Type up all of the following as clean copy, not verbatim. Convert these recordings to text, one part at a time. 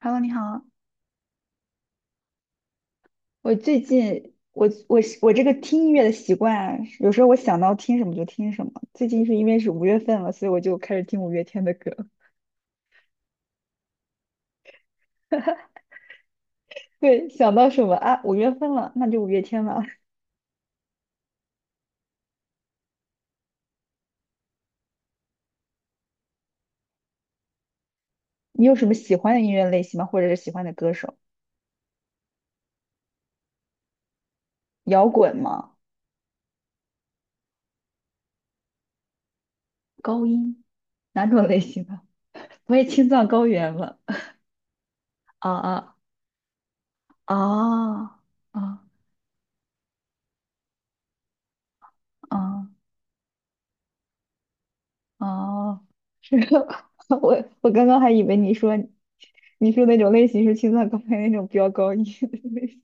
Hello，你好。我最近我我我这个听音乐的习惯，有时候我想到听什么就听什么。最近是因为是五月份了，所以我就开始听五月天的歌。对，想到什么啊？五月份了，那就五月天吧。你有什么喜欢的音乐类型吗？或者是喜欢的歌手？摇滚吗？高音？哪种类型的？我也青藏高原了。啊啊啊啊！啊！哦，是 我刚刚还以为你说那种类型是青藏高原那种飙高音的类型，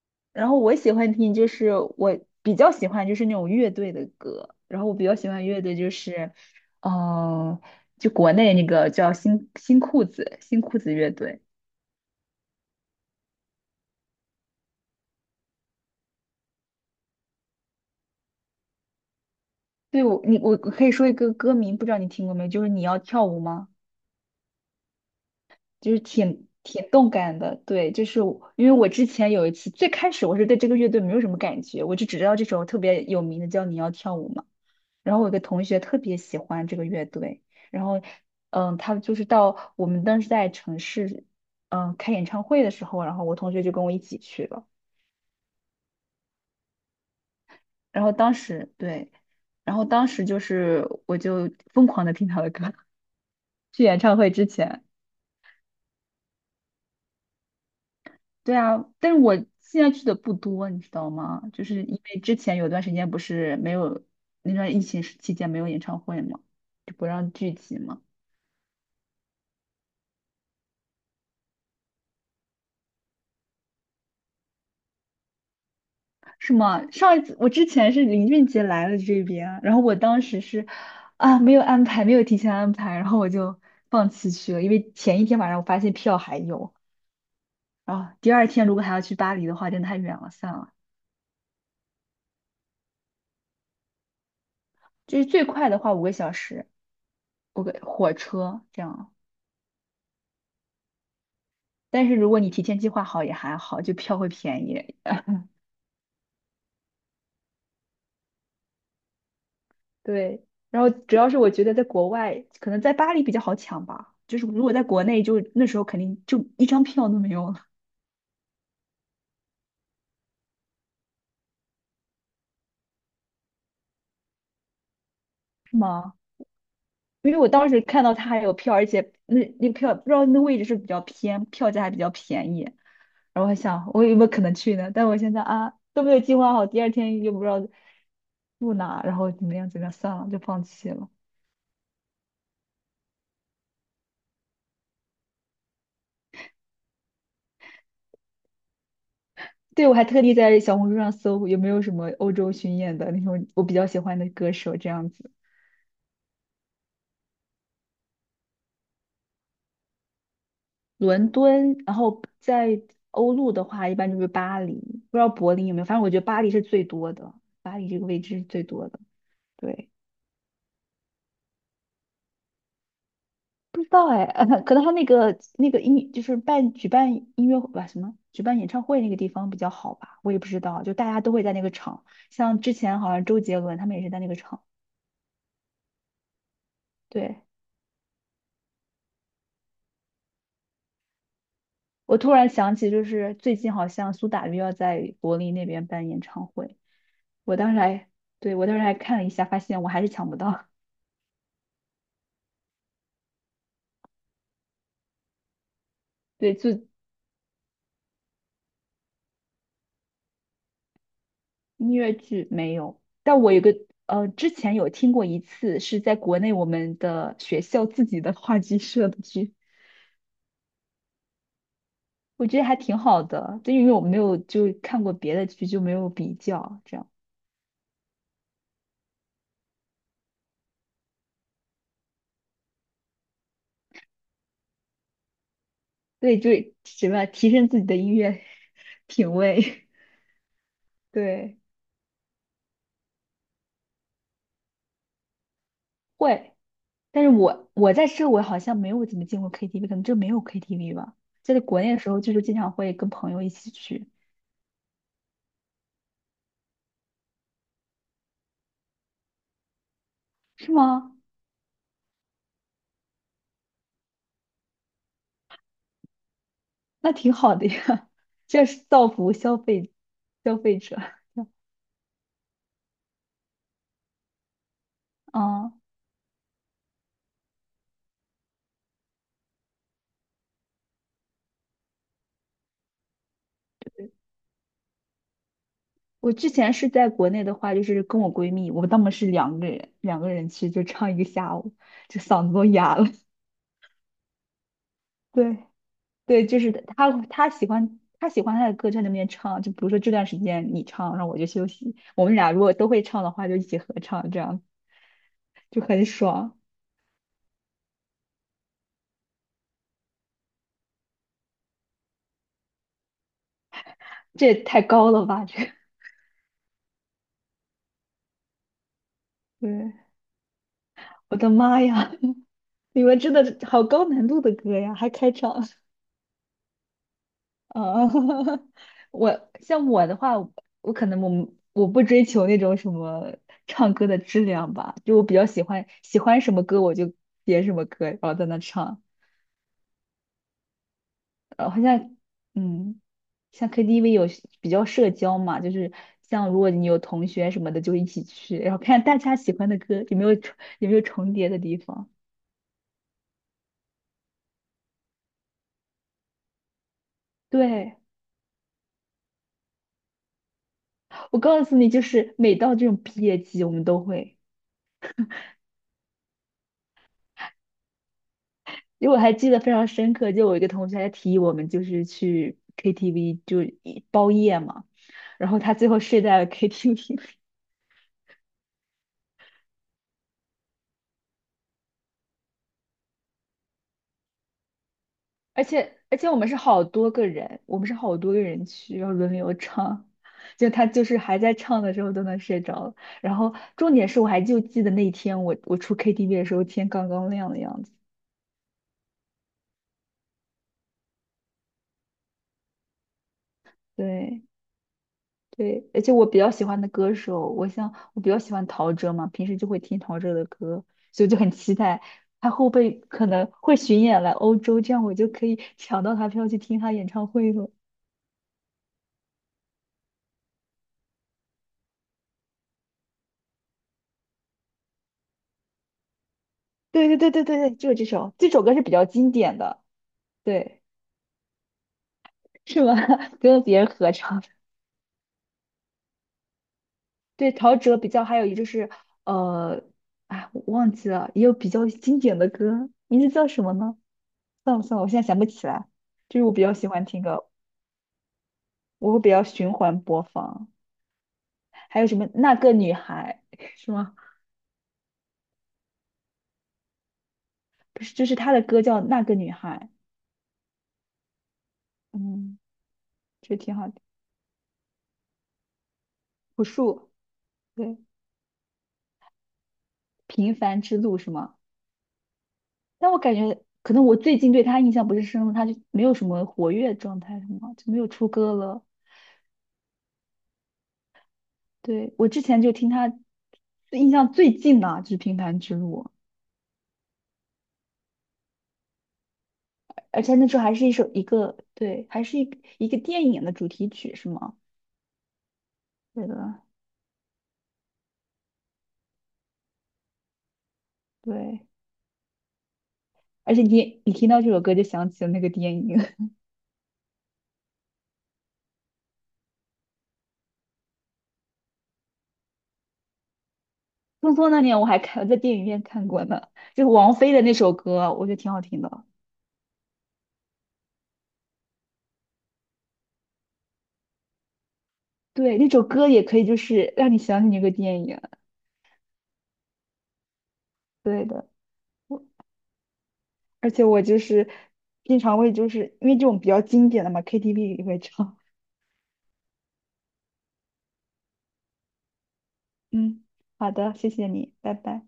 然后我喜欢听就是我比较喜欢就是那种乐队的歌，然后我比较喜欢乐队就是，嗯、就国内那个叫新新裤子新裤子乐队。我可以说一个歌名，不知道你听过没？就是你要跳舞吗？就是挺动感的，对，就是因为我之前有一次，最开始我是对这个乐队没有什么感觉，我就只知道这首特别有名的叫《你要跳舞》嘛。然后我有个同学特别喜欢这个乐队，然后嗯，他就是到我们当时在城市嗯开演唱会的时候，然后我同学就跟我一起去了，然后当时对，然后当时就是我就疯狂的听他的歌，去演唱会之前。对啊，但是我现在去的不多，你知道吗？就是因为之前有段时间不是没有那段疫情时期间没有演唱会嘛，就不让聚集嘛，是吗？上一次我之前是林俊杰来了这边，然后我当时是啊没有安排，没有提前安排，然后我就放弃去了，因为前一天晚上我发现票还有，然后第二天如果还要去巴黎的话，真的太远了，算了。就是最快的话五个小时，我个火车这样。但是如果你提前计划好也还好，就票会便宜。对，然后主要是我觉得在国外，可能在巴黎比较好抢吧，就是如果在国内就，那时候肯定就一张票都没有了，是吗？因为我当时看到他还有票，而且那个票不知道那位置是比较偏，票价还比较便宜。然后我想我有没有可能去呢？但我现在啊都没有计划好，第二天又不知道住哪，然后怎么样怎么样，算了，就放弃了。对，我还特地在小红书上搜有没有什么欧洲巡演的那种我比较喜欢的歌手这样子。伦敦，然后在欧陆的话，一般就是巴黎，不知道柏林有没有，反正我觉得巴黎是最多的，巴黎这个位置是最多的。对，不知道哎，可能他那个音就是举办音乐会吧，什么举办演唱会那个地方比较好吧，我也不知道，就大家都会在那个场，像之前好像周杰伦他们也是在那个场。对。我突然想起，就是最近好像苏打绿要在柏林那边办演唱会，我当时还，对，我当时还看了一下，发现我还是抢不到。对，就音乐剧没有，但我有个之前有听过一次，是在国内我们的学校自己的话剧社的剧，我觉得还挺好的，就因为我没有就看过别的剧，就没有比较，这样，对，就什么提升自己的音乐 品味，对，会。但是我在这我好像没有怎么进过 KTV，可能这没有 KTV 吧。在国内的时候，就是经常会跟朋友一起去，是吗？那挺好的呀，这是造福消费者。嗯，我之前是在国内的话，就是跟我闺蜜，我们当时是两个人去，就唱一个下午，就嗓子都哑了。对对，就是她喜欢她的歌，就在那边唱，就比如说这段时间你唱，然后我就休息，我们俩如果都会唱的话，就一起合唱这样就很爽。这也太高了吧？这个对 我的妈呀！你们真的好高难度的歌呀，还开场啊！我像我的话，我可能不追求那种什么唱歌的质量吧，就我比较喜欢什么歌我就点什么歌，然后在那唱。然后像嗯，像 KTV 有比较社交嘛，就是像如果你有同学什么的就一起去，然后看大家喜欢的歌有没有重叠的地方。对，我告诉你，就是每到这种毕业季，我们都会，因为我还记得非常深刻，就我一个同学还提议我们就是去 KTV 就一包夜嘛，然后他最后睡在了 KTV。 而且我们是好多个人，去，然后轮流唱，就他就是还在唱的时候都能睡着了，然后重点是我还就记得那天我出 KTV 的时候天刚刚亮的样子，对。对，而且我比较喜欢的歌手，我比较喜欢陶喆嘛，平时就会听陶喆的歌，所以我就很期待他后辈可能会巡演来欧洲，这样我就可以 抢到他票去听他演唱会了。对对对对对对，就是这首，这首歌是比较经典的，对，是吗？跟别人合唱的对，陶喆比较，还有一就是呃，哎，我忘记了，也有比较经典的歌，名字叫什么呢？算了，我现在想不起来。就是我比较喜欢听歌。我会比较循环播放。还有什么那个女孩 是吗？不是，就是她的歌叫那个女孩，嗯，这挺好的。朴树，对，平凡之路是吗？但我感觉可能我最近对她印象不是深了，她就没有什么活跃状态什么，就没有出歌了。对，我之前就听她最印象最近的就是平凡之路，而且那时候还是一首一个对，还是一个电影的主题曲是吗？对的，对。而且你听到这首歌就想起了那个电影《<laughs> 匆匆那年》，我还看在电影院看过呢，就是王菲的那首歌，我觉得挺好听的。对，那首歌也可以就是让你想起那个电影。对的，我而且我就是经常会就是因为这种比较经典的嘛，KTV 里会唱。嗯，好的，谢谢你，拜拜。